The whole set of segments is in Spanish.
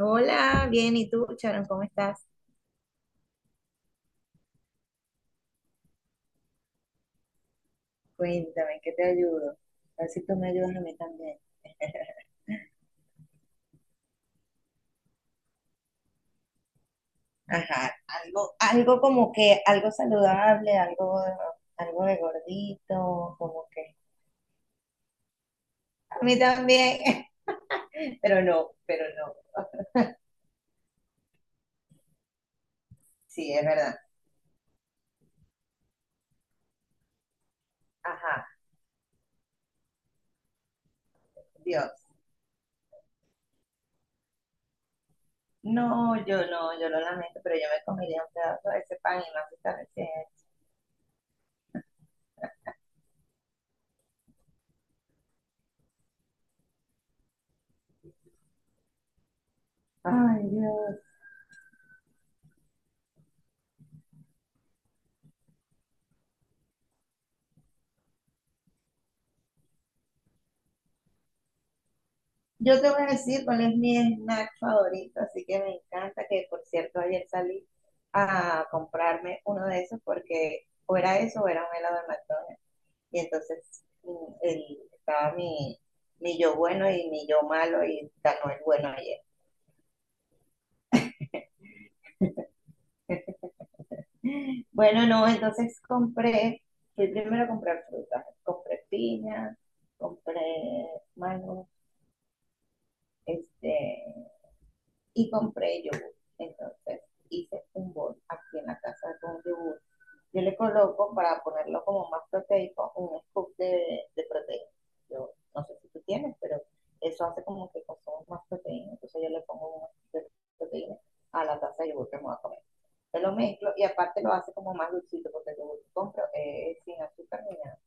Hola, bien, ¿y tú, Sharon, cómo estás? Cuéntame, ¿en ¿qué te ayudo? A ver si tú me ayudas a mí también. Ajá, algo saludable, algo de gordito, como que. A mí también, pero no, pero no. Sí, es verdad. Ajá, Dios. No, yo no, yo lo lamento, pero yo me comería un pedazo de ese pan y más si está recién. Ay, Dios. Yo te voy a decir cuál es mi snack favorito, así que me encanta que, por cierto, ayer salí a comprarme uno de esos porque o era eso o era un helado de McDonald's. Y entonces estaba mi yo bueno y mi yo malo y ganó el bueno ayer. Bueno, no, entonces fui primero a comprar frutas, compré piña, compré mango, este, y compré yogur. Entonces hice un bol aquí en la casa con yogur. Yo le coloco para ponerlo como más proteico un scoop de proteína. Yo no sé si tú tienes, pero eso hace como que consumimos más proteína. Entonces yo le pongo un scoop de proteína a la taza de yogur que me voy a comer. Se lo mezclo y aparte lo hace como más dulcito porque el yogur que compro es sin azúcar ni nada.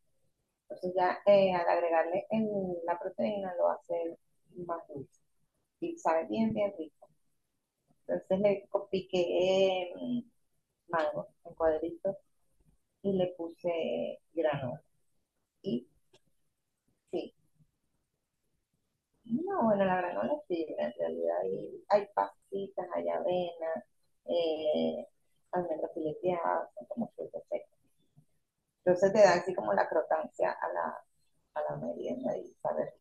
Entonces ya al agregarle en la proteína lo hace más dulce y sabe bien, bien rico. Entonces le piqué mango en cuadritos y le puse granola. Y sí, no, bueno, la granola es fibra en realidad. Y hay pastitas, hay avena, eh, almendras fileteadas, son como frutas secas. Entonces te da así como la crocancia a la merienda y saber.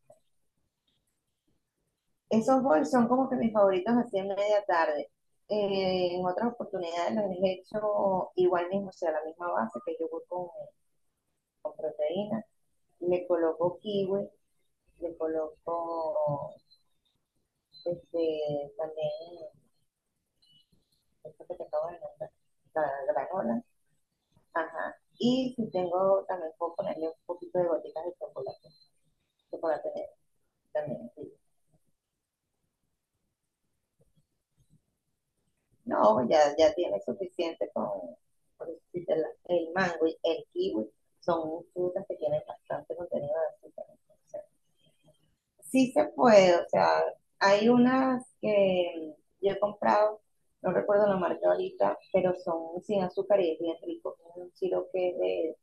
Esos bowls son como que mis favoritos así en media tarde. En otras oportunidades los he hecho igual mismo, o sea, la misma base que yo voy con proteína, le coloco kiwi, le coloco también esto que te acabo de nombrar, la granola. Ajá. Y si tengo, también puedo ponerle un poquito de gotitas de chocolate, chocolate negro también. Sí. No, ya, ya tiene suficiente con, por decirte, el mango y el kiwi. Son frutas que tienen bastante contenido de azúcar. Entonces, sí se puede, o sea, hay unas que yo he comprado, no recuerdo la marca ahorita, pero son sin azúcar y es bien rico. Tiene un sirope que es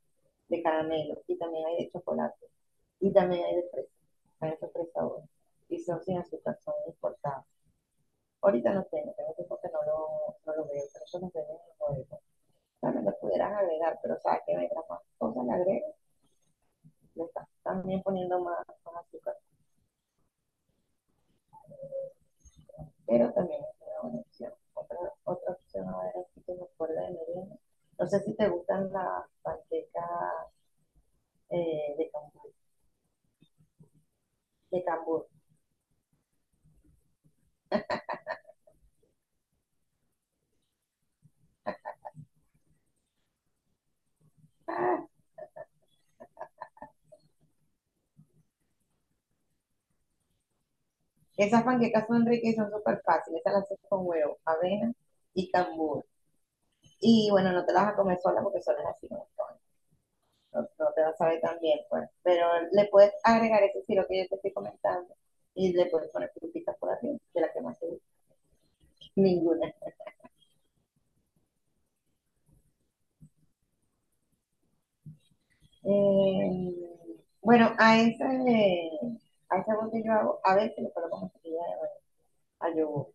de caramelo y también hay de chocolate y también hay de fresa. Hay de tres sabores y son sin azúcar, son importados. Ahorita no tengo, tengo tiempo que no no lo veo, pero eso no venden en el bodega. También lo pudieras agregar, pero sabes sea, que venga más cosas, le agregas, le estás también poniendo más, más azúcar. Pero también es una buena opción. Otra, otra opción, a ver, aquí que me acuerdo de merienda. No sé si te gustan las panquecas eh, de, de cambur. Esas panquecas son ricas y son súper fáciles. Esas las haces con huevo, avena y cambur. Y bueno, no te las vas a comer sola porque solas así no son. No, no te vas a saber tan bien, pues. Pero le puedes agregar ese estilo que yo te estoy comentando y le puedes poner frutitas por arriba, de la que más te gusta. Ninguna. Eh, bueno, a ese bote yo hago, a veces le coloco mantequilla de maní al yogur.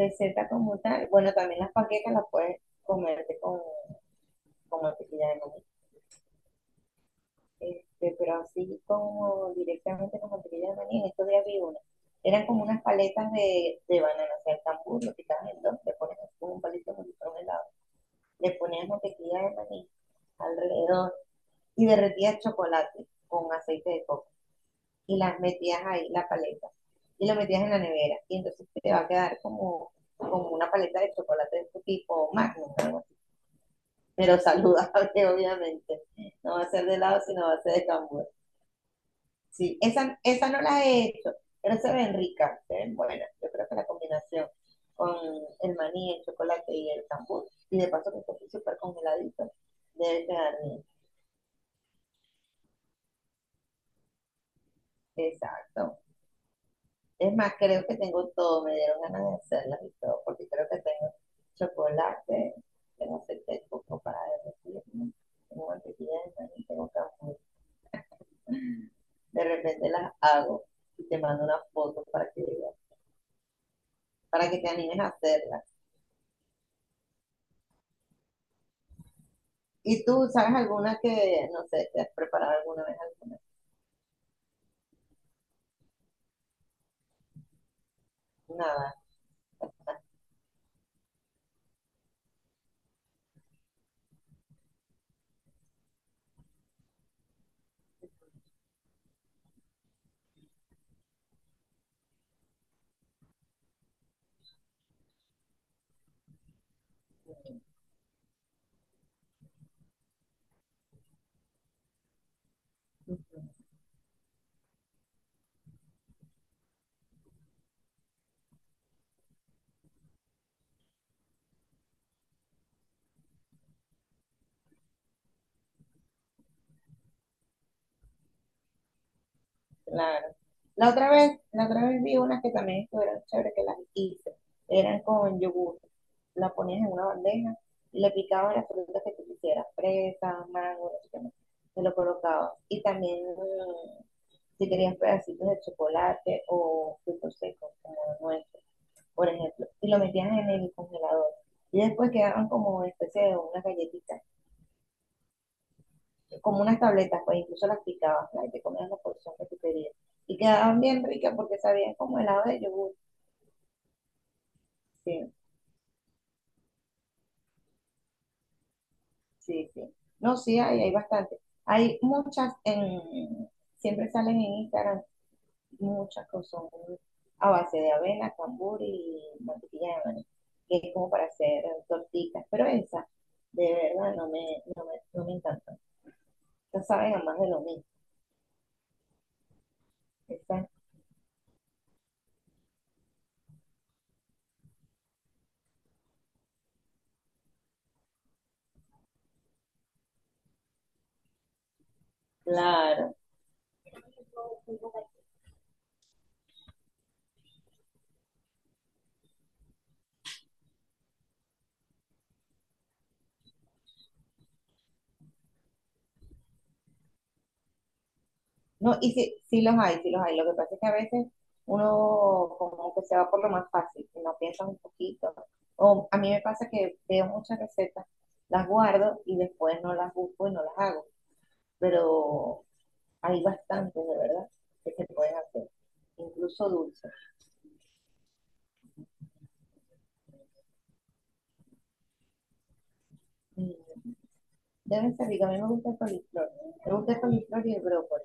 Receta como tal, bueno, también las panquecas las puedes comerte con mantequilla de maní. Pero así como directamente con mantequilla de maní, en estos días vi una. Eran como unas paletas de banana, o sea, el cambur lo quitabas en dos, le pones así como un palito con un helado, le ponías mantequilla de maní alrededor y derretías chocolate con aceite de coco y las metías ahí, la paleta, y lo metías en la nevera, y entonces te va a quedar como, como una paleta de chocolate de este tipo magnum, ¿no? Pero saludable, obviamente. No va a ser de helado, sino va a ser de cambur. Sí, esa no la he hecho, pero se ven ricas, se ven buenas. Yo creo que la combinación con el maní, el chocolate y el cambur, y de paso que está súper congeladito, debe quedar bien. Exacto. Es más, creo que tengo todo, me dieron ganas de hacerlas y todo, porque creo que tengo chocolate, tengo aceite de coco para derretir, tengo mantequilla de maní, tengo café. De repente las hago y te mando una foto para que veas, para que te animes a hacerlas. ¿Y tú sabes alguna que, no sé, te has preparado alguna vez alguna? Nada. Claro. La otra vez vi unas que también estuvieron chéveres, que las hice. Eran con yogur. La ponías en una bandeja y le picabas las frutas que tú quisieras, fresa, mango, no sé qué más. Se lo colocabas. Y también, si querías pedacitos de chocolate o frutos secos, como nueces por ejemplo. Y lo metías en el congelador. Y después quedaban como especie de una galletita, como unas tabletas, pues incluso las picabas, ¿no? Y te comías la porción que tú querías. Y quedaban bien ricas porque sabían como helado de yogur. Sí, sí, sí. No, sí, hay bastante. Hay muchas en, siempre salen en Instagram, muchas que son a base de avena, cambur y mantequilla de maní, que es como para hacer tortitas, pero esa de verdad no me encanta. Esas saben a más de lo mismo. Esas, claro. No, y sí, sí los hay, sí los hay. Lo que pasa es que a veces uno como que se va por lo más fácil, que no piensa un poquito. O a mí me pasa que veo muchas recetas, las guardo y después no las busco y no las hago. Pero hay bastantes, de verdad, que se pueden hacer, incluso dulces. Mm, deben ser ricas. A mí me gusta el coliflor. Me gusta el coliflor y el brócoli.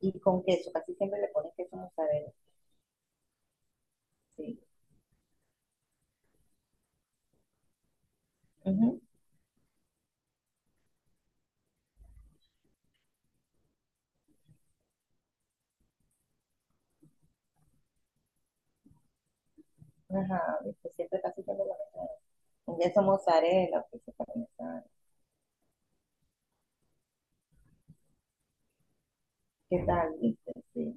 Y con queso, casi siempre le pones queso mozzarella. Sí. Ujú. Ajá, viste, siempre casi siempre lo pones queso mozzarella, queso parmesano. ¿Qué tal? ¿Viste? Sí.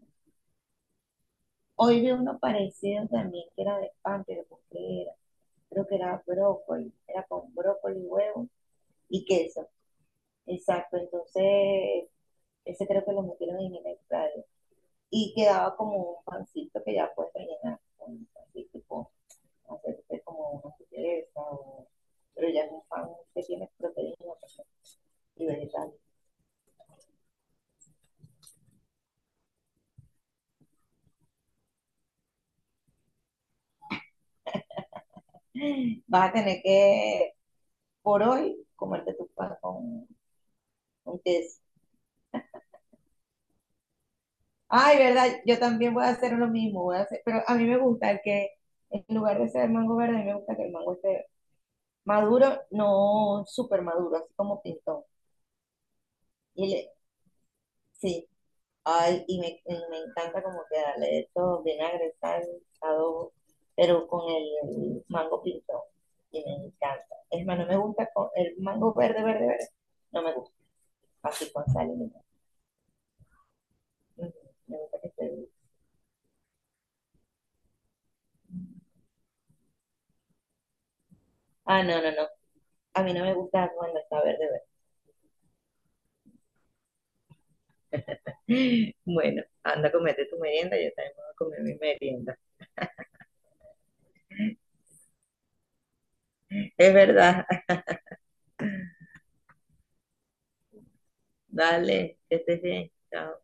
Hoy vi uno parecido también que era de pan, pero ¿con qué era? Creo que era brócoli, era con brócoli, huevo y queso. Exacto, entonces ese creo que lo metieron en el extraño. Y quedaba como un pancito que ya puedes rellenar con un pancito, tipo, hacerte como una sutileza, o... pero ya es un pan que tiene proteína pues, y vegetales. Vas a tener que, por hoy, comerte tu pan con... Entonces, ay, verdad, yo también voy a hacer lo mismo, voy a hacer, pero a mí me gusta que en lugar de ser mango verde, a mí me gusta que el mango esté maduro, no súper maduro, así como pintón. Y le, sí, y me encanta como que darle esto vinagre, sal, adobo, pero con el mango pintón. Y me encanta. Es más, no me gusta con el mango verde, verde, verde. No me gusta. Así con sal y limón. Mm, me gusta que esté. Ah, no, no, no. A mí no me gusta cuando está verde, verde. Bueno, anda a comerte tu merienda, yo también voy a comer mi merienda. Es verdad, dale, que estés bien. Chao.